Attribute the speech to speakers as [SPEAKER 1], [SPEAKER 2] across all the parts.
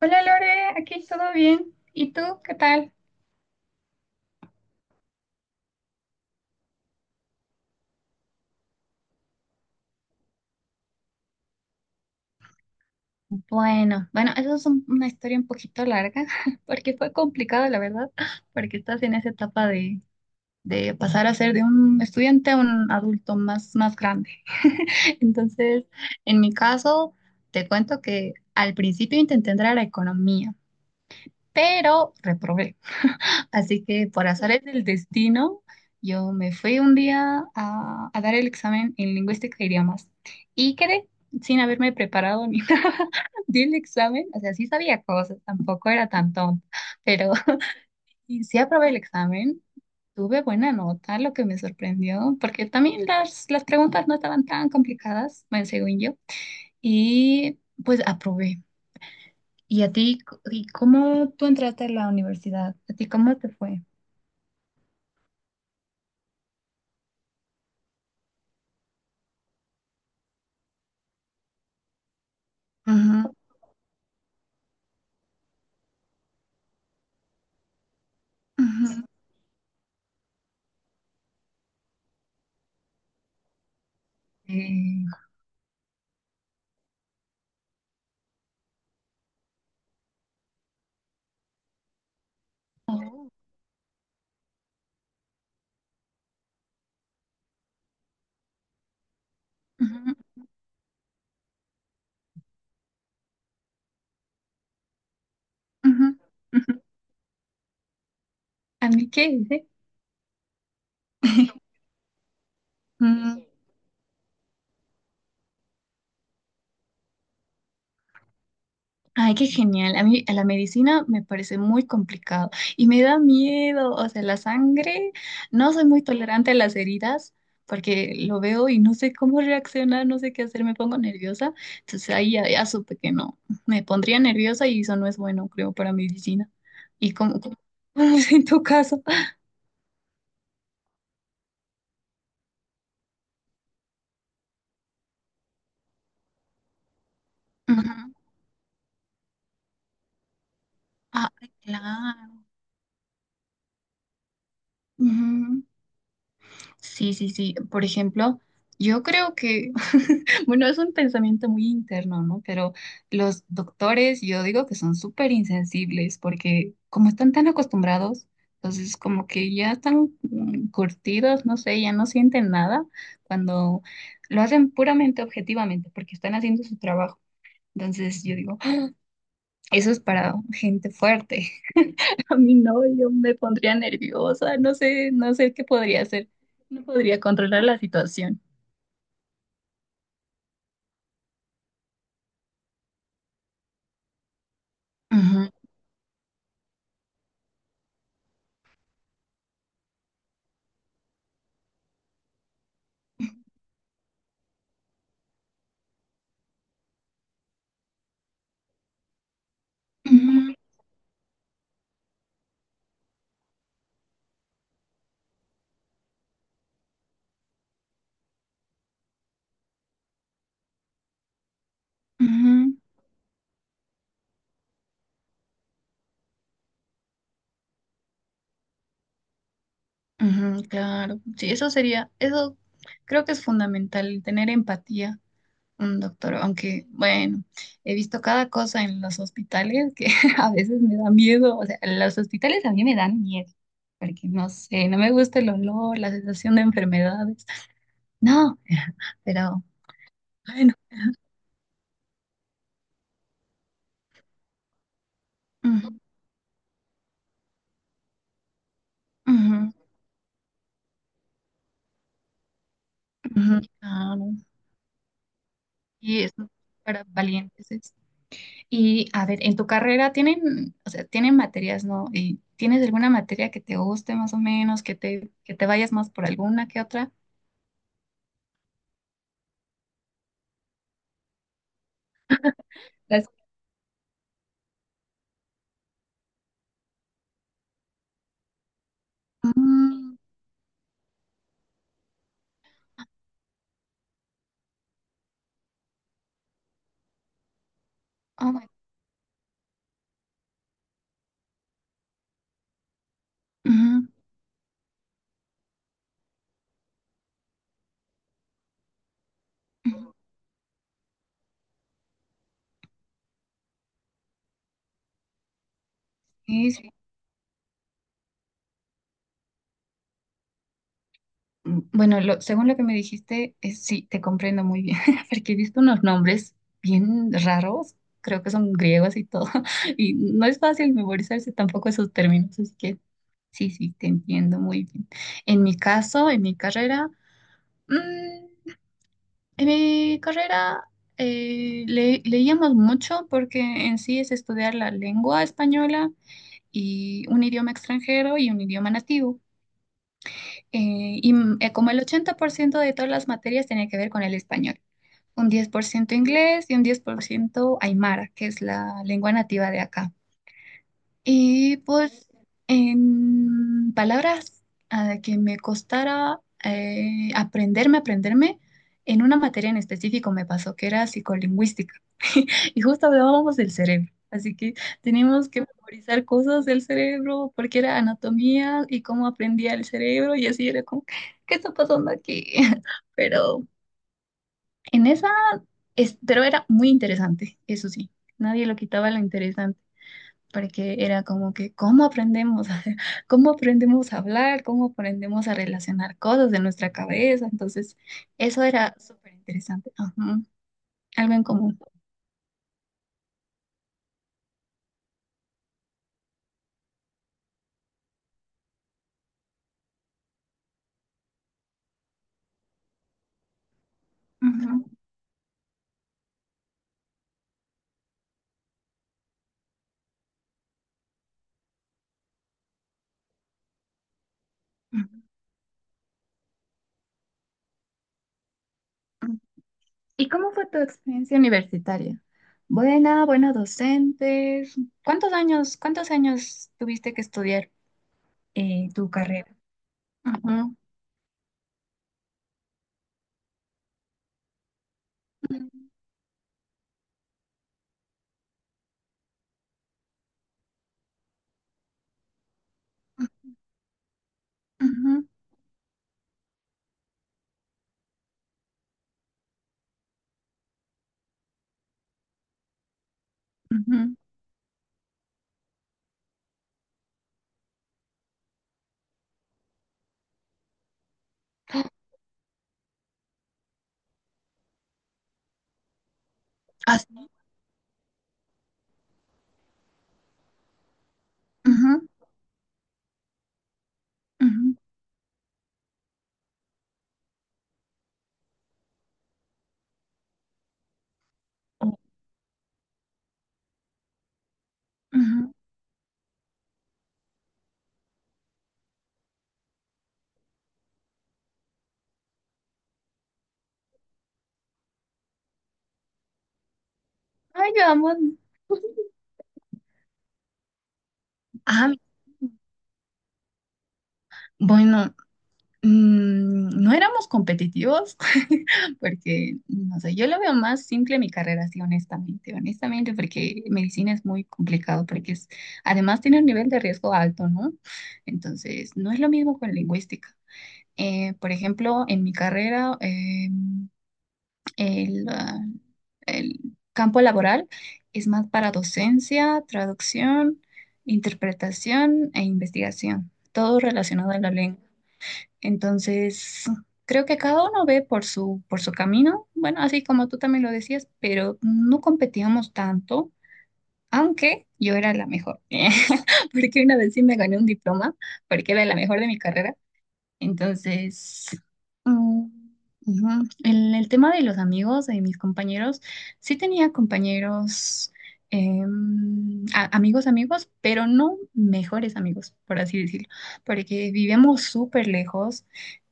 [SPEAKER 1] Hola Lore, aquí todo bien. ¿Y tú qué tal? Bueno, bueno, eso es una historia un poquito larga, porque fue complicado, la verdad, porque estás en esa etapa de pasar a ser de un estudiante a un adulto más grande. Entonces, en mi caso, te cuento que al principio intenté entrar a economía, pero reprobé. Así que por azares del destino, yo me fui un día a dar el examen en lingüística e idiomas y quedé sin haberme preparado ni nada. Di el examen, o sea, sí sabía cosas, tampoco era tan tonta, pero y sí aprobé el examen, tuve buena nota, lo que me sorprendió, porque también las preguntas no estaban tan complicadas, bueno, según yo, y pues aprobé. ¿Y a ti, y cómo tú entraste a la universidad? ¿A ti cómo te fue? Ujú, ujú. Eh, oh, ujú, ujú, ujú. ¿A mí qué hice? Mm, Ay, qué genial. A mí a la medicina me parece muy complicado y me da miedo. O sea, la sangre, no soy muy tolerante a las heridas porque lo veo y no sé cómo reaccionar, no sé qué hacer, me pongo nerviosa. Entonces ahí ya, ya supe que no, me pondría nerviosa y eso no es bueno, creo, para medicina. ¿Y cómo, cómo es en tu caso? Ujú. Ah, claro. Ujú. Sí, sí, sí. Por ejemplo, yo creo que, bueno, es un pensamiento muy interno, ¿no? Pero los doctores, yo digo que son súper insensibles porque como están tan acostumbrados, entonces como que ya están curtidos, no sé, ya no sienten nada cuando lo hacen puramente objetivamente porque están haciendo su trabajo. Entonces yo digo, "Ah, eso es para gente fuerte. A mí no, yo me pondría nerviosa, no sé, no sé qué podría hacer. No podría controlar la situación. Ujú, ujú, ujú, ujú, claro, sí, eso sería, eso creo que es fundamental, tener empatía, un doctor, aunque bueno, he visto cada cosa en los hospitales que a veces me da miedo, o sea, los hospitales a mí me dan miedo, porque no sé, no me gusta el olor, la sensación de enfermedades, no, pero bueno, ujú, ujú, ujú, claro, y es para valientes. Y a ver, en tu carrera tienen, o sea, tienen materias, ¿no? ¿Y tienes alguna materia que te guste más o menos, que te vayas más por alguna que otra? Las- Mm, oh my- ujú, ujú, sí, sí. Bueno, según lo que me dijiste, sí, te comprendo muy bien, porque he visto unos nombres bien raros, creo que son griegos y todo, y no es fácil memorizarse tampoco esos términos, así que sí, sí, te entiendo muy bien. En mi caso, en mi carrera, mm, En mi carrera leíamos mucho porque en sí es estudiar la lengua española y un idioma extranjero y un idioma nativo. Y como el 80% de todas las materias tenía que ver con el español, un 10% inglés y un 10% aymara, que es la lengua nativa de acá. Y pues en palabras que me costara aprenderme, en una materia en específico me pasó que era psicolingüística y justo hablábamos del cerebro. Así que teníamos que memorizar cosas del cerebro porque era anatomía y cómo aprendía el cerebro y así era como, ¿qué está pasando aquí? Pero en esa, era muy interesante, eso sí, nadie lo quitaba lo interesante porque era como que, cómo aprendemos a hablar? ¿Cómo aprendemos a relacionar cosas de nuestra cabeza? Entonces, eso era súper interesante. Ajá, algo en común. Ujú, ujú. ¿Y cómo fue tu experiencia universitaria? Buena, buenos docentes. ¿Cuántos años tuviste que estudiar tu carrera? Ajá. Ujú, ujú, ¿así? Ujú, ah, sí. Ujú, ujú, ujú. Ay, vamos. Ah, bueno, no éramos competitivos porque, no sé, yo lo veo más simple mi carrera, sí, honestamente, honestamente, porque medicina es muy complicado, porque además tiene un nivel de riesgo alto, ¿no? Entonces, no es lo mismo con lingüística. Por ejemplo, en mi carrera, El, ah, el campo laboral es más para docencia, traducción, interpretación e investigación, todo relacionado a la lengua. Entonces, creo que cada uno ve por su, camino, bueno, así como tú también lo decías, pero no competíamos tanto, aunque yo era la mejor, porque una vez sí me gané un diploma, porque era la mejor de mi carrera entonces, mm, ujú. En el tema de los amigos, de mis compañeros, sí tenía compañeros, amigos, amigos, pero no mejores amigos, por así decirlo, porque vivíamos súper lejos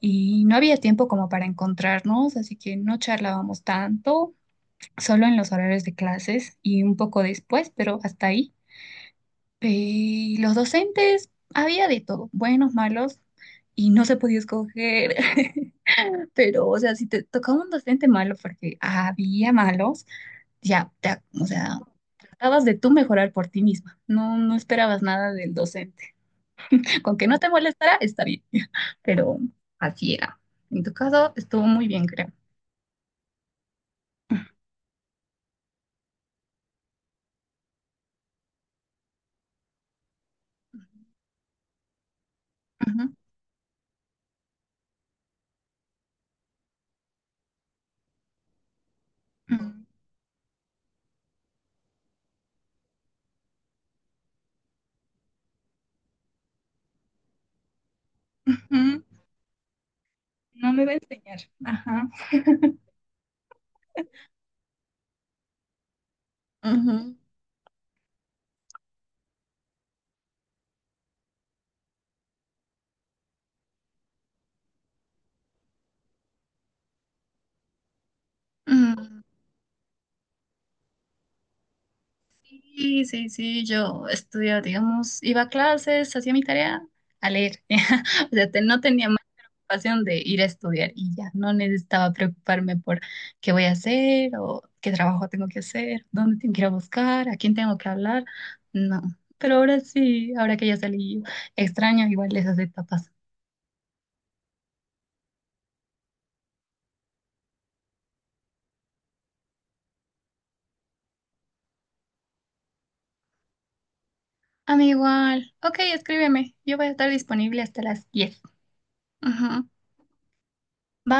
[SPEAKER 1] y no había tiempo como para encontrarnos, así que no charlábamos tanto, solo en los horarios de clases y un poco después, pero hasta ahí. Y los docentes, había de todo, buenos, malos, y no se podía escoger. Pero, o sea, si te tocaba un docente malo, porque había malos, ya, o sea, tratabas de tú mejorar por ti misma. No, no esperabas nada del docente. Con que no te molestara, está bien. Pero así era. En tu caso, estuvo muy bien, creo. Ujú, ujú, ujú. No me va a enseñar. Ajá. Ujú, ujú. Sí, sí, sí, yo estudiaba, digamos, iba a clases, hacía mi tarea a leer. O sea, no tenía más preocupación de ir a estudiar y ya no necesitaba preocuparme por qué voy a hacer o qué trabajo tengo que hacer, dónde tengo que ir a buscar, a quién tengo que hablar. No, pero ahora sí, ahora que ya salí, extraño igual esas etapas. A mí igual. Ok, escríbeme. Yo voy a estar disponible hasta las 10. Ujú.